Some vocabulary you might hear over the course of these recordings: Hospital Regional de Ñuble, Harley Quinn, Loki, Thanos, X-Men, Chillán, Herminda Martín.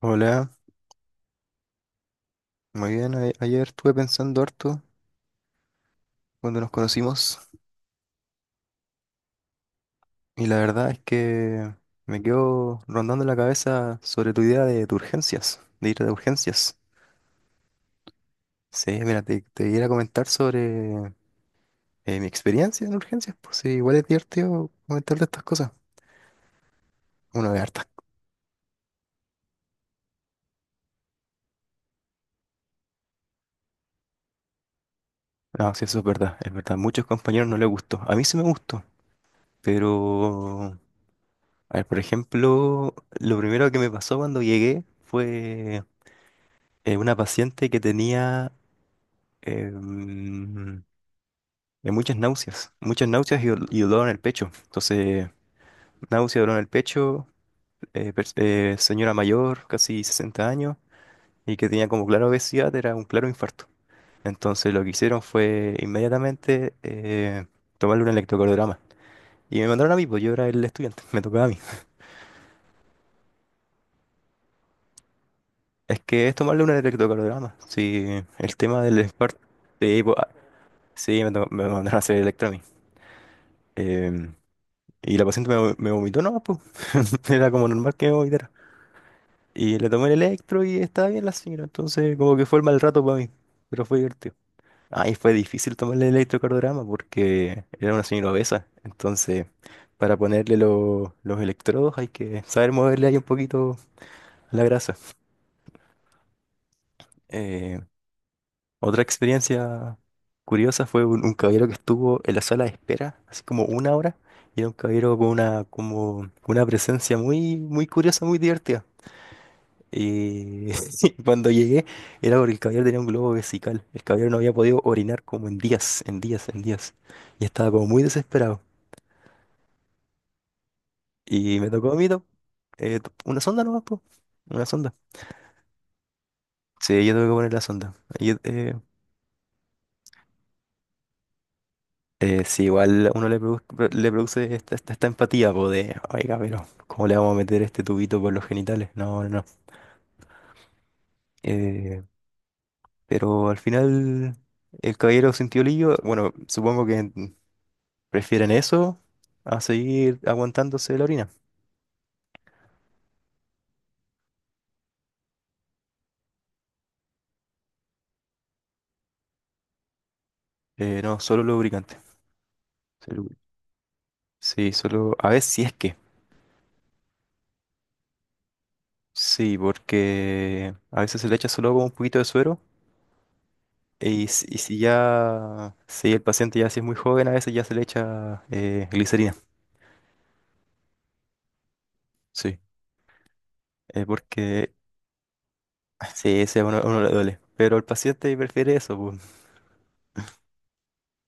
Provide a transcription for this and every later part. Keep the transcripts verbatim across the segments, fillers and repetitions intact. Hola, muy bien. a- Ayer estuve pensando harto cuando nos conocimos y la verdad es que me quedo rondando la cabeza sobre tu idea de, de urgencias, de ir a urgencias. Sí, mira, te, te iba a comentar sobre eh, mi experiencia en urgencias, pues sí, igual es divertido comentar de estas cosas. Uno de hartas. No, sí, eso es verdad, es verdad. Muchos compañeros no les gustó. A mí sí me gustó, pero, a ver, por ejemplo, lo primero que me pasó cuando llegué fue eh, una paciente que tenía eh, mm, de muchas náuseas, muchas náuseas y, dol- y dolor en el pecho. Entonces, náusea, dolor en el pecho, eh, pers- eh, señora mayor, casi sesenta años, y que tenía como clara obesidad, era un claro infarto. Entonces, lo que hicieron fue inmediatamente eh, tomarle un electrocardiograma. Y me mandaron a mí, pues yo era el estudiante, me tocaba a mí. Es que es tomarle un electrocardiograma. Sí, el tema del infarto. Sí, pues, ah, sí, me, to- me mandaron a hacer electro a mí. Y la paciente me, me vomitó, no, pues. Era como normal que me vomitara. Y le tomé el electro y estaba bien la señora. Entonces, como que fue el mal rato para mí. Pero fue divertido. Ahí fue difícil tomarle el electrocardiograma porque era una señora obesa. Entonces, para ponerle lo- los electrodos hay que saber moverle ahí un poquito la grasa. Eh, otra experiencia curiosa fue un, un caballero que estuvo en la sala de espera, así como una hora. Y era un caballero con una, como, una presencia muy, muy curiosa, muy divertida. Y cuando llegué era porque el caballero tenía un globo vesical. El caballero no había podido orinar como en días, en días, en días. Y estaba como muy desesperado. Y me tocó a mí, ¿no? Eh, t- una sonda nomás, po. Una sonda. Sí, yo tuve que poner la sonda. Ahí eh, eh, Sí, igual a uno le, produ- pro- le produce esta, esta, esta empatía, po, de, oiga, pero ¿cómo le vamos a meter este tubito por los genitales? No, no, no. Eh, pero al final el caballero sintió lío, bueno, supongo que... Prefieren eso a seguir aguantándose la orina. Eh, no, solo lubricante. Sí, lubri- sí, solo. A veces si es que. Sí, porque a veces se le echa solo como un poquito de suero. Y, si y si ya. Si el paciente ya si es muy joven, a veces ya se le echa eh, glicerina. Sí. Eh, porque. Sí, ese a uno, a uno le duele. Pero el paciente prefiere eso, pues.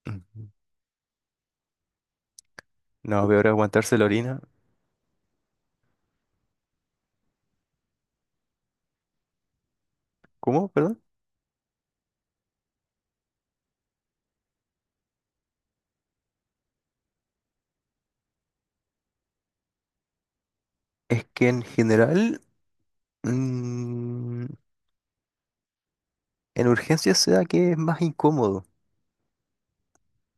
Ujú. No, peor aguantarse la orina. ¿Cómo? ¿Perdón? Es que en general. mm, En urgencias se da que es más incómodo,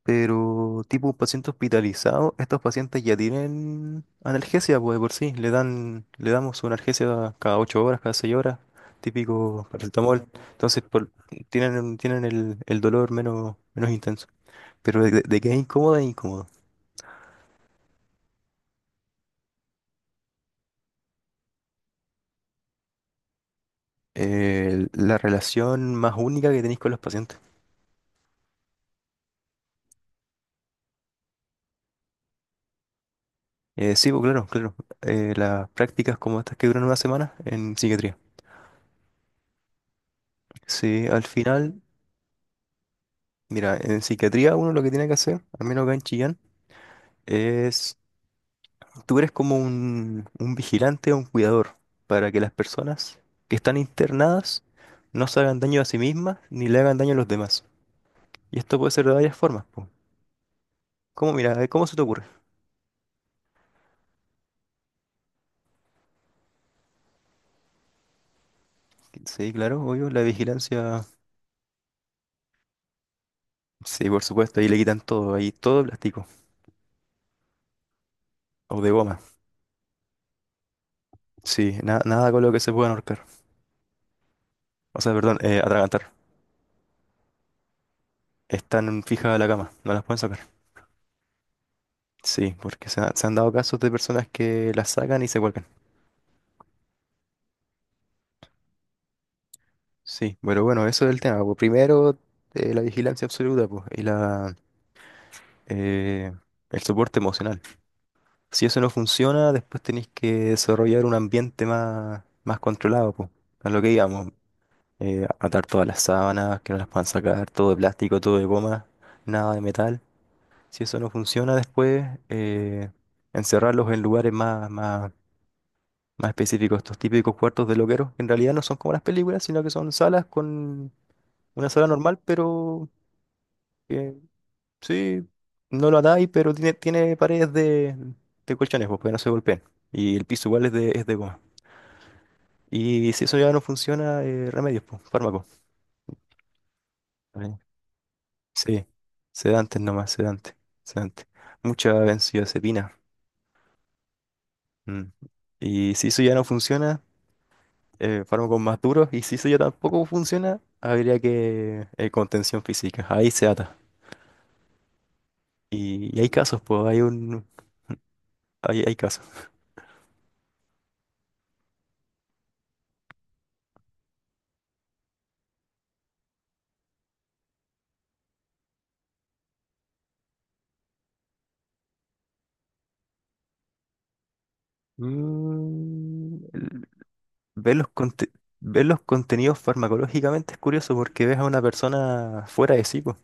pero tipo un paciente hospitalizado, estos pacientes ya tienen analgesia, pues de por sí, le dan, le damos una analgesia cada ocho horas, cada seis horas, típico paracetamol, entonces por- tienen, tienen el, el dolor menos, menos intenso. Pero de, de que es incómodo, es incómodo. Eh, la relación más única que tenéis con los pacientes. Eh, sí, pues claro, claro. Eh, las prácticas como estas que duran una semana en psiquiatría. Sí, al final mira, en psiquiatría uno lo que tiene que hacer, al menos acá en Chillán, es, tú eres como un, un vigilante o un cuidador para que las personas que están internadas no se hagan daño a sí mismas ni le hagan daño a los demás. Y esto puede ser de varias formas, po. ¿Cómo, mira, eh, cómo se te ocurre? Sí, claro, obvio, la vigilancia, sí, por supuesto, ahí le quitan todo, ahí todo de plástico o de goma. Sí, na- nada con lo que se puedan ahorcar. O sea, perdón, eh, atragantar. Están fijas a la cama, no las pueden sacar. Sí, porque se, ha- se han dado casos de personas que las sacan y se cuelgan. Sí, pero bueno, eso es el tema. Pues. Primero, eh, la vigilancia absoluta, pues, y la, eh, el soporte emocional. Si eso no funciona, después tenéis que desarrollar un ambiente más, más controlado, pues, a lo que digamos. Atar todas las sábanas, que no las puedan sacar, todo de plástico, todo de goma, nada de metal. Si eso no funciona, después eh, encerrarlos en lugares más, más Más específico, estos típicos cuartos de loqueros, que en realidad no son como las películas, sino que son salas con una sala normal, pero que sí, no lo atáis, pero tiene, tiene paredes de, de colchones, pues, para que no se golpeen. Y el piso igual es de, es de goma. Y si eso ya no funciona, eh, remedios, pues, fármacos. Ay, sí, sedantes nomás, sedantes, sedantes. Mucha benzodiazepina. Mm. Y si eso ya no funciona, eh, fármacos más duros y si eso ya tampoco funciona, habría que eh, contención física. Ahí se ata. Y, y hay casos, pues hay un hay, hay casos. Mm, el- ver los conte- Ver los contenidos farmacológicamente es curioso porque ves a una persona fuera de sí, pues.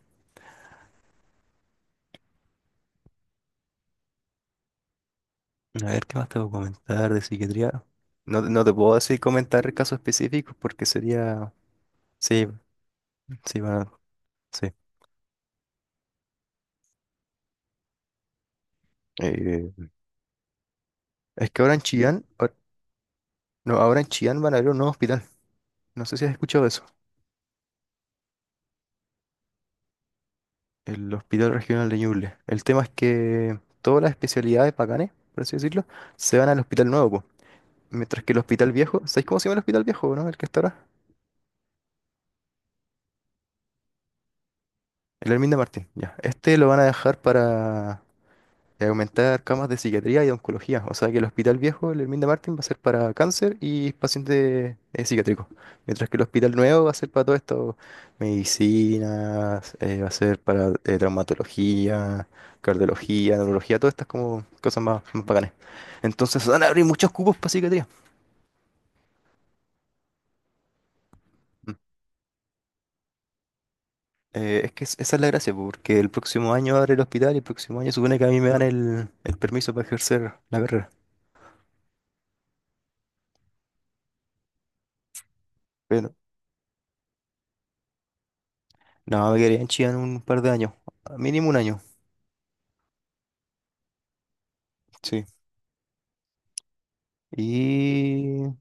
A ver, ¿qué más te puedo comentar de psiquiatría? No, no te puedo decir comentar casos específicos porque sería... Sí, sí, bueno, sí. Eh, es que ahora en Chillán, ahora- no, ahora en Chillán van a abrir un nuevo hospital. No sé si has escuchado eso. El Hospital Regional de Ñuble. El tema es que todas las especialidades bacanes, por así decirlo, se van al hospital nuevo, po. Mientras que el hospital viejo, ¿sabéis cómo se llama el hospital viejo, no? El que está ahora. El Hermín de Martín, ya. Este lo van a dejar para eh, aumentar camas de psiquiatría y de oncología. O sea que el Hospital Viejo, el Herminda Martín, va a ser para cáncer y pacientes eh, psiquiátricos. Mientras que el Hospital Nuevo va a ser para todo esto, medicinas, eh, va a ser para eh, traumatología, cardiología, neurología, todas estas como cosas más, más bacanes. Entonces van a abrir muchos cupos para psiquiatría. Mm. Eh, es que es- esa es la gracia, po, porque el próximo año abre el hospital y el próximo año supone que a mí me dan el, el permiso para ejercer la carrera. Pero no, me quedaría en Chillán un par de años, mínimo un año. Sí. Y,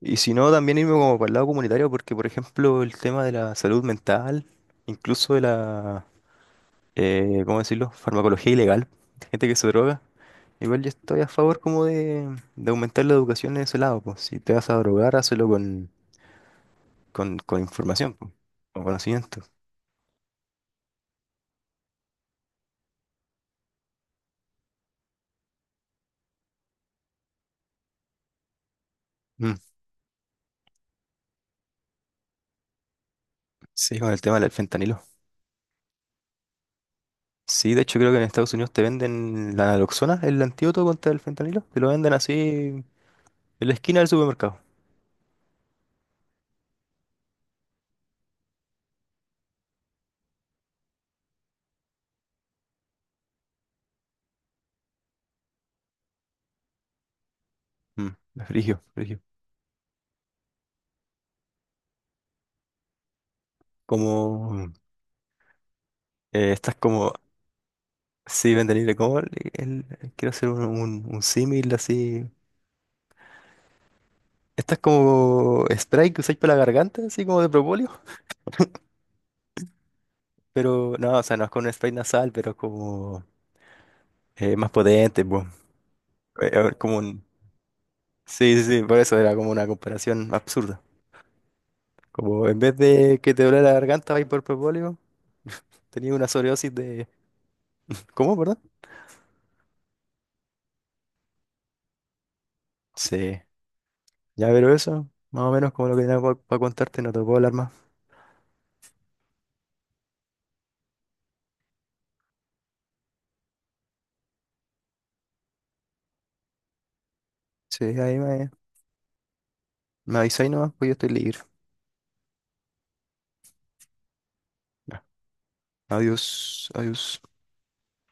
y si no, también irme como para el lado comunitario, porque por ejemplo el tema de la salud mental, incluso de la, eh, ¿cómo decirlo?, farmacología ilegal, gente que se droga, igual yo estoy a favor como de, de aumentar la educación en ese lado, pues si te vas a drogar, hazlo con, con, con información, pues, con conocimiento. Mm. Sí, con el tema del fentanilo. Sí, de hecho creo que en Estados Unidos te venden la naloxona, el antídoto contra el fentanilo, te lo venden así en la esquina del supermercado. Mm, es frigio, como eh, estás como, sí, venden libre, como el, el- quiero hacer un, un, un símil así. Estás como spray que usáis para la garganta, así como de propóleo, pero no, o sea, no es con spray nasal, pero es como eh, más potente, pues. Eh, a ver, como un... Sí, sí, sí, por eso era como una comparación absurda. Como en vez de que te duele la garganta, vais por propóleo, tenía una sobredosis de... ¿Cómo, perdón? Sí, ya pero eso, más o menos como lo que tenía para contarte, no te puedo hablar más. Sí, ahí me... Me avisáis nomás, pues yo estoy libre. Ya. Adiós, adiós.